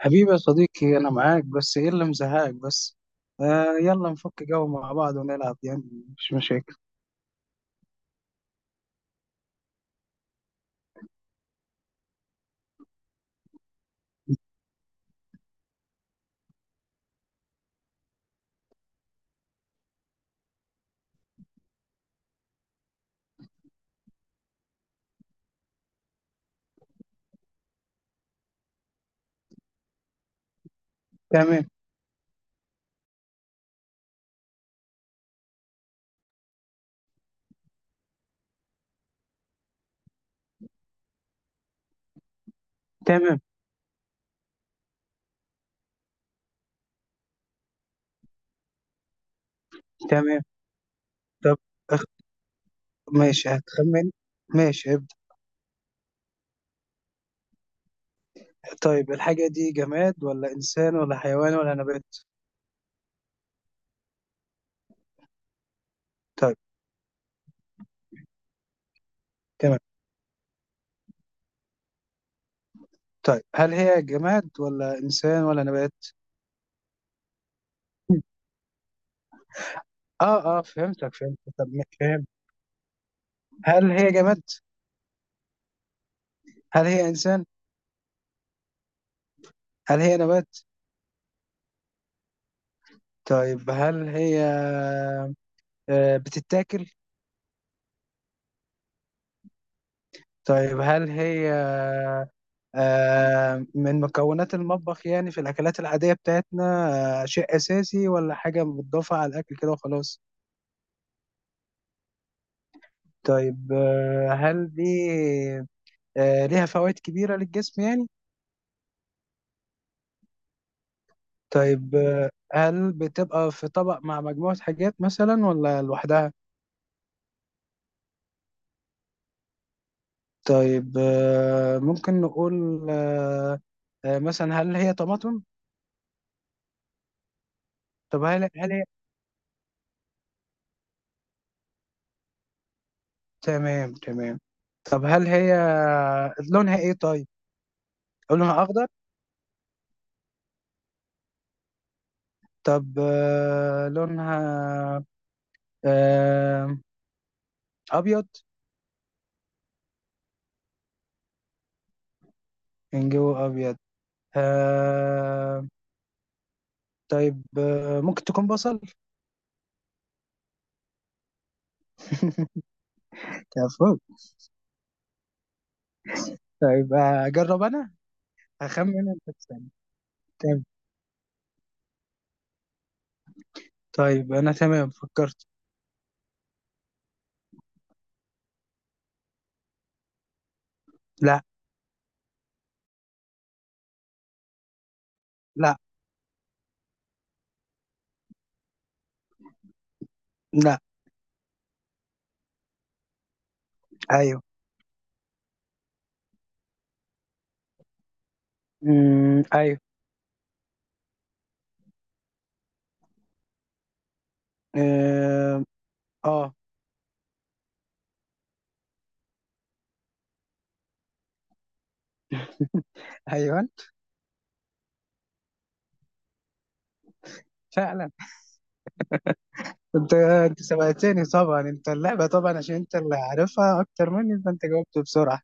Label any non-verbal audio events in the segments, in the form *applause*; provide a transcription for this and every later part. حبيبي يا صديقي، أنا معاك. بس إيه اللي مزهقك بس؟ يلا نفك جو مع بعض ونلعب يعني. مش مشاكل. تمام، تمام، تمام. طب أخ... ماشي، هتخمن. ماشي، ابدأ. طيب، الحاجة دي جماد ولا إنسان ولا حيوان ولا نبات؟ طيب. تمام. طيب، هل هي جماد ولا إنسان ولا نبات؟ آه، آه، فهمتك، فهمت. طب فهمت. هل هي جماد؟ هل هي إنسان؟ هل هي نبات؟ طيب، هل هي بتتاكل؟ طيب، هل هي من مكونات المطبخ يعني، في الأكلات العادية بتاعتنا؟ شيء أساسي ولا حاجة متضافة على الأكل كده وخلاص؟ طيب هل دي ليها فوائد كبيرة للجسم يعني؟ طيب هل بتبقى في طبق مع مجموعة حاجات مثلا ولا لوحدها؟ طيب ممكن نقول مثلا هل هي طماطم؟ طب هل هل هي تمام، تمام. طب هل هي لونها ايه طيب؟ لونها اخضر. طب لونها آه، ابيض، من جوه ابيض. آه، طيب ممكن تكون بصل. كفو. طيب اجرب انا. هخمن انت تسألني. طيب. طيب انا تمام، فكرت. لا، لا، لا. ايوه. ايوه. اه. آه، *laughs* ايوه فعلا. انت انت سبقتني طبعا، انت اللعبه طبعا عشان انت اللي عارفها اكتر مني، فانت جاوبت بسرعه.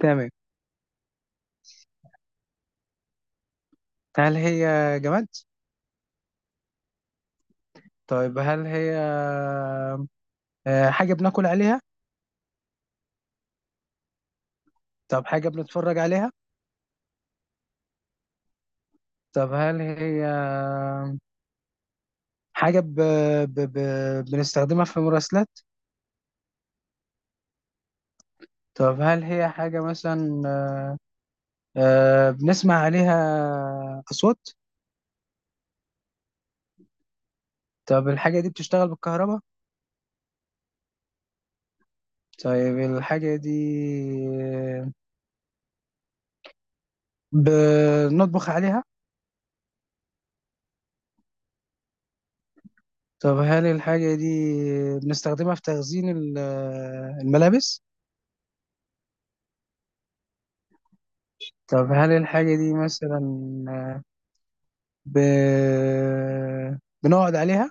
تمام. هل هي جماد؟ طيب، هل هي حاجة بناكل عليها؟ طب حاجة بنتفرج عليها؟ طب هل هي حاجة ب... ب... بنستخدمها في مراسلات؟ طب هل هي حاجة مثلا بنسمع عليها أصوات؟ طب الحاجة دي بتشتغل بالكهرباء؟ طيب الحاجة دي بنطبخ عليها؟ طب هل الحاجة دي بنستخدمها في تخزين الملابس؟ طب هل الحاجة دي مثلا ب... بنقعد عليها؟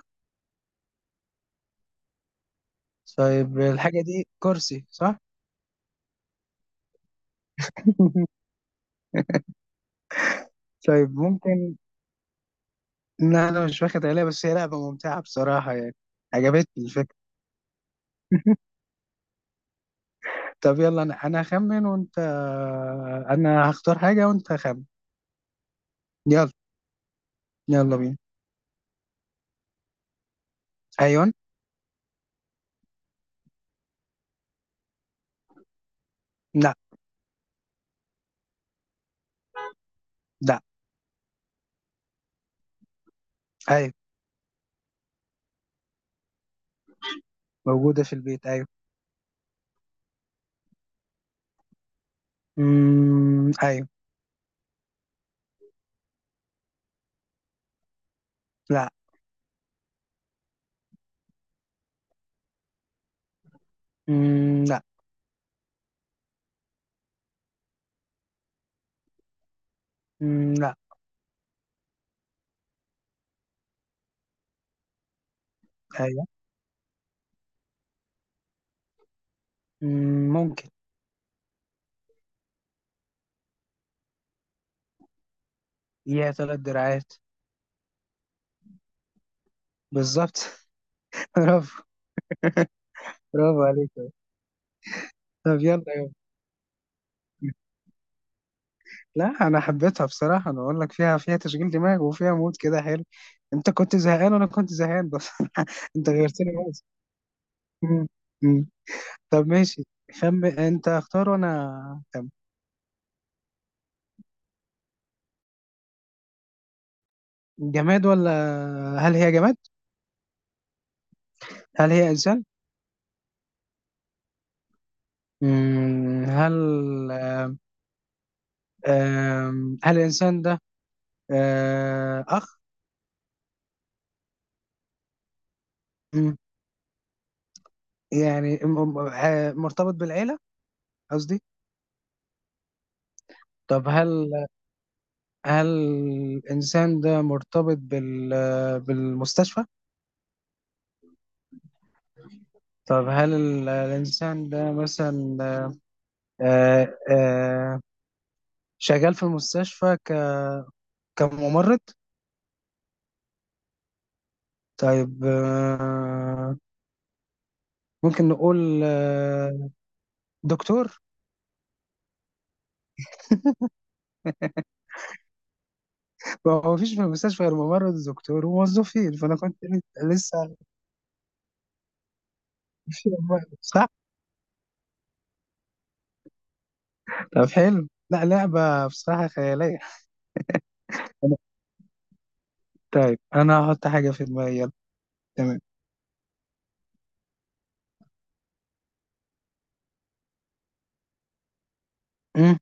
طيب الحاجة دي كرسي، صح؟ *laughs* طيب ممكن. لا، أنا مش واخد عليها، بس هي لعبة ممتعة بصراحة يعني. عجبتني الفكرة. طب يلا، أنا هخمن وأنت. أنا هختار حاجة وأنت خمن. يلا. يلا بينا. أيوة. لا. لا. أيوة. موجودة في البيت، أيوة. أيوة. لا. لا. لا. أيوة. ممكن. ليها ثلاث دراعات. بالظبط *laughs* برافو. برافو عليك. طب يلا. لا، انا حبيتها بصراحه. انا اقول لك فيها تشغيل دماغ وفيها مود كده حلو. انت كنت زهقان وانا كنت زهقان بس. *laughs* انت غيرت لي بس. مم. مم. طب، ماشي. خم انت اختار وانا خم. جماد ولا. هل هي جماد؟ هل هي انسان؟ هل هل الانسان ده اخ. مم. يعني مرتبط بالعيله، قصدي. طب هل الانسان ده مرتبط بالمستشفى. طب هل الإنسان ده مثلا آه، آه، شغال في المستشفى كممرض؟ طيب ممكن نقول آه، دكتور. ما هو مفيش في المستشفى غير ممرض ودكتور وموظفين، فأنا كنت لسه في ممرض، صح؟ طب حلو. لا، لعبة بصراحة خيالية. طيب أنا هحط حاجة في دماغي، يلا. تمام. مم.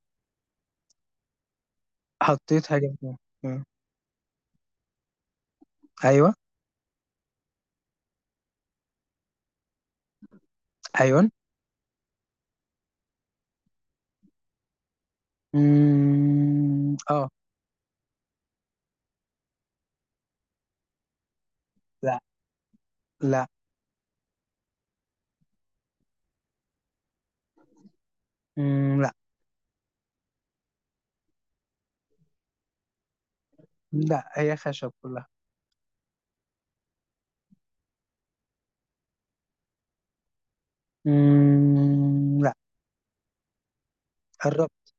حطيت حاجة في دماغي. مم. أيوه. أيوه. مم. أه. لا. لا. مم. لا، هي خشب كلها. مم... لا. قربت.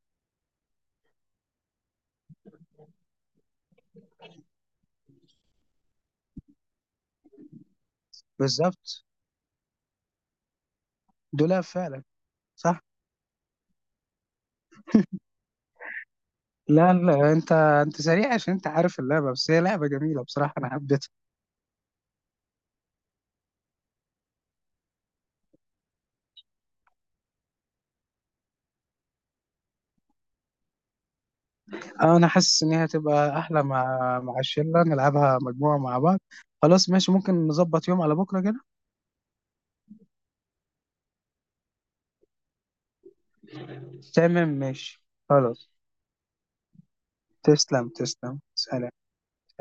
بالظبط. دولاب فعلا. صح. لا، لا، انت سريع عشان انت عارف اللعبه، بس هي لعبه جميله بصراحه انا حبيتها. اه، انا حاسس ان هي هتبقى احلى مع الشله، نلعبها مجموعه مع بعض. خلاص ماشي، ممكن نظبط يوم على بكره كده. تمام، ماشي، خلاص. تسلم، تسلم، سلام.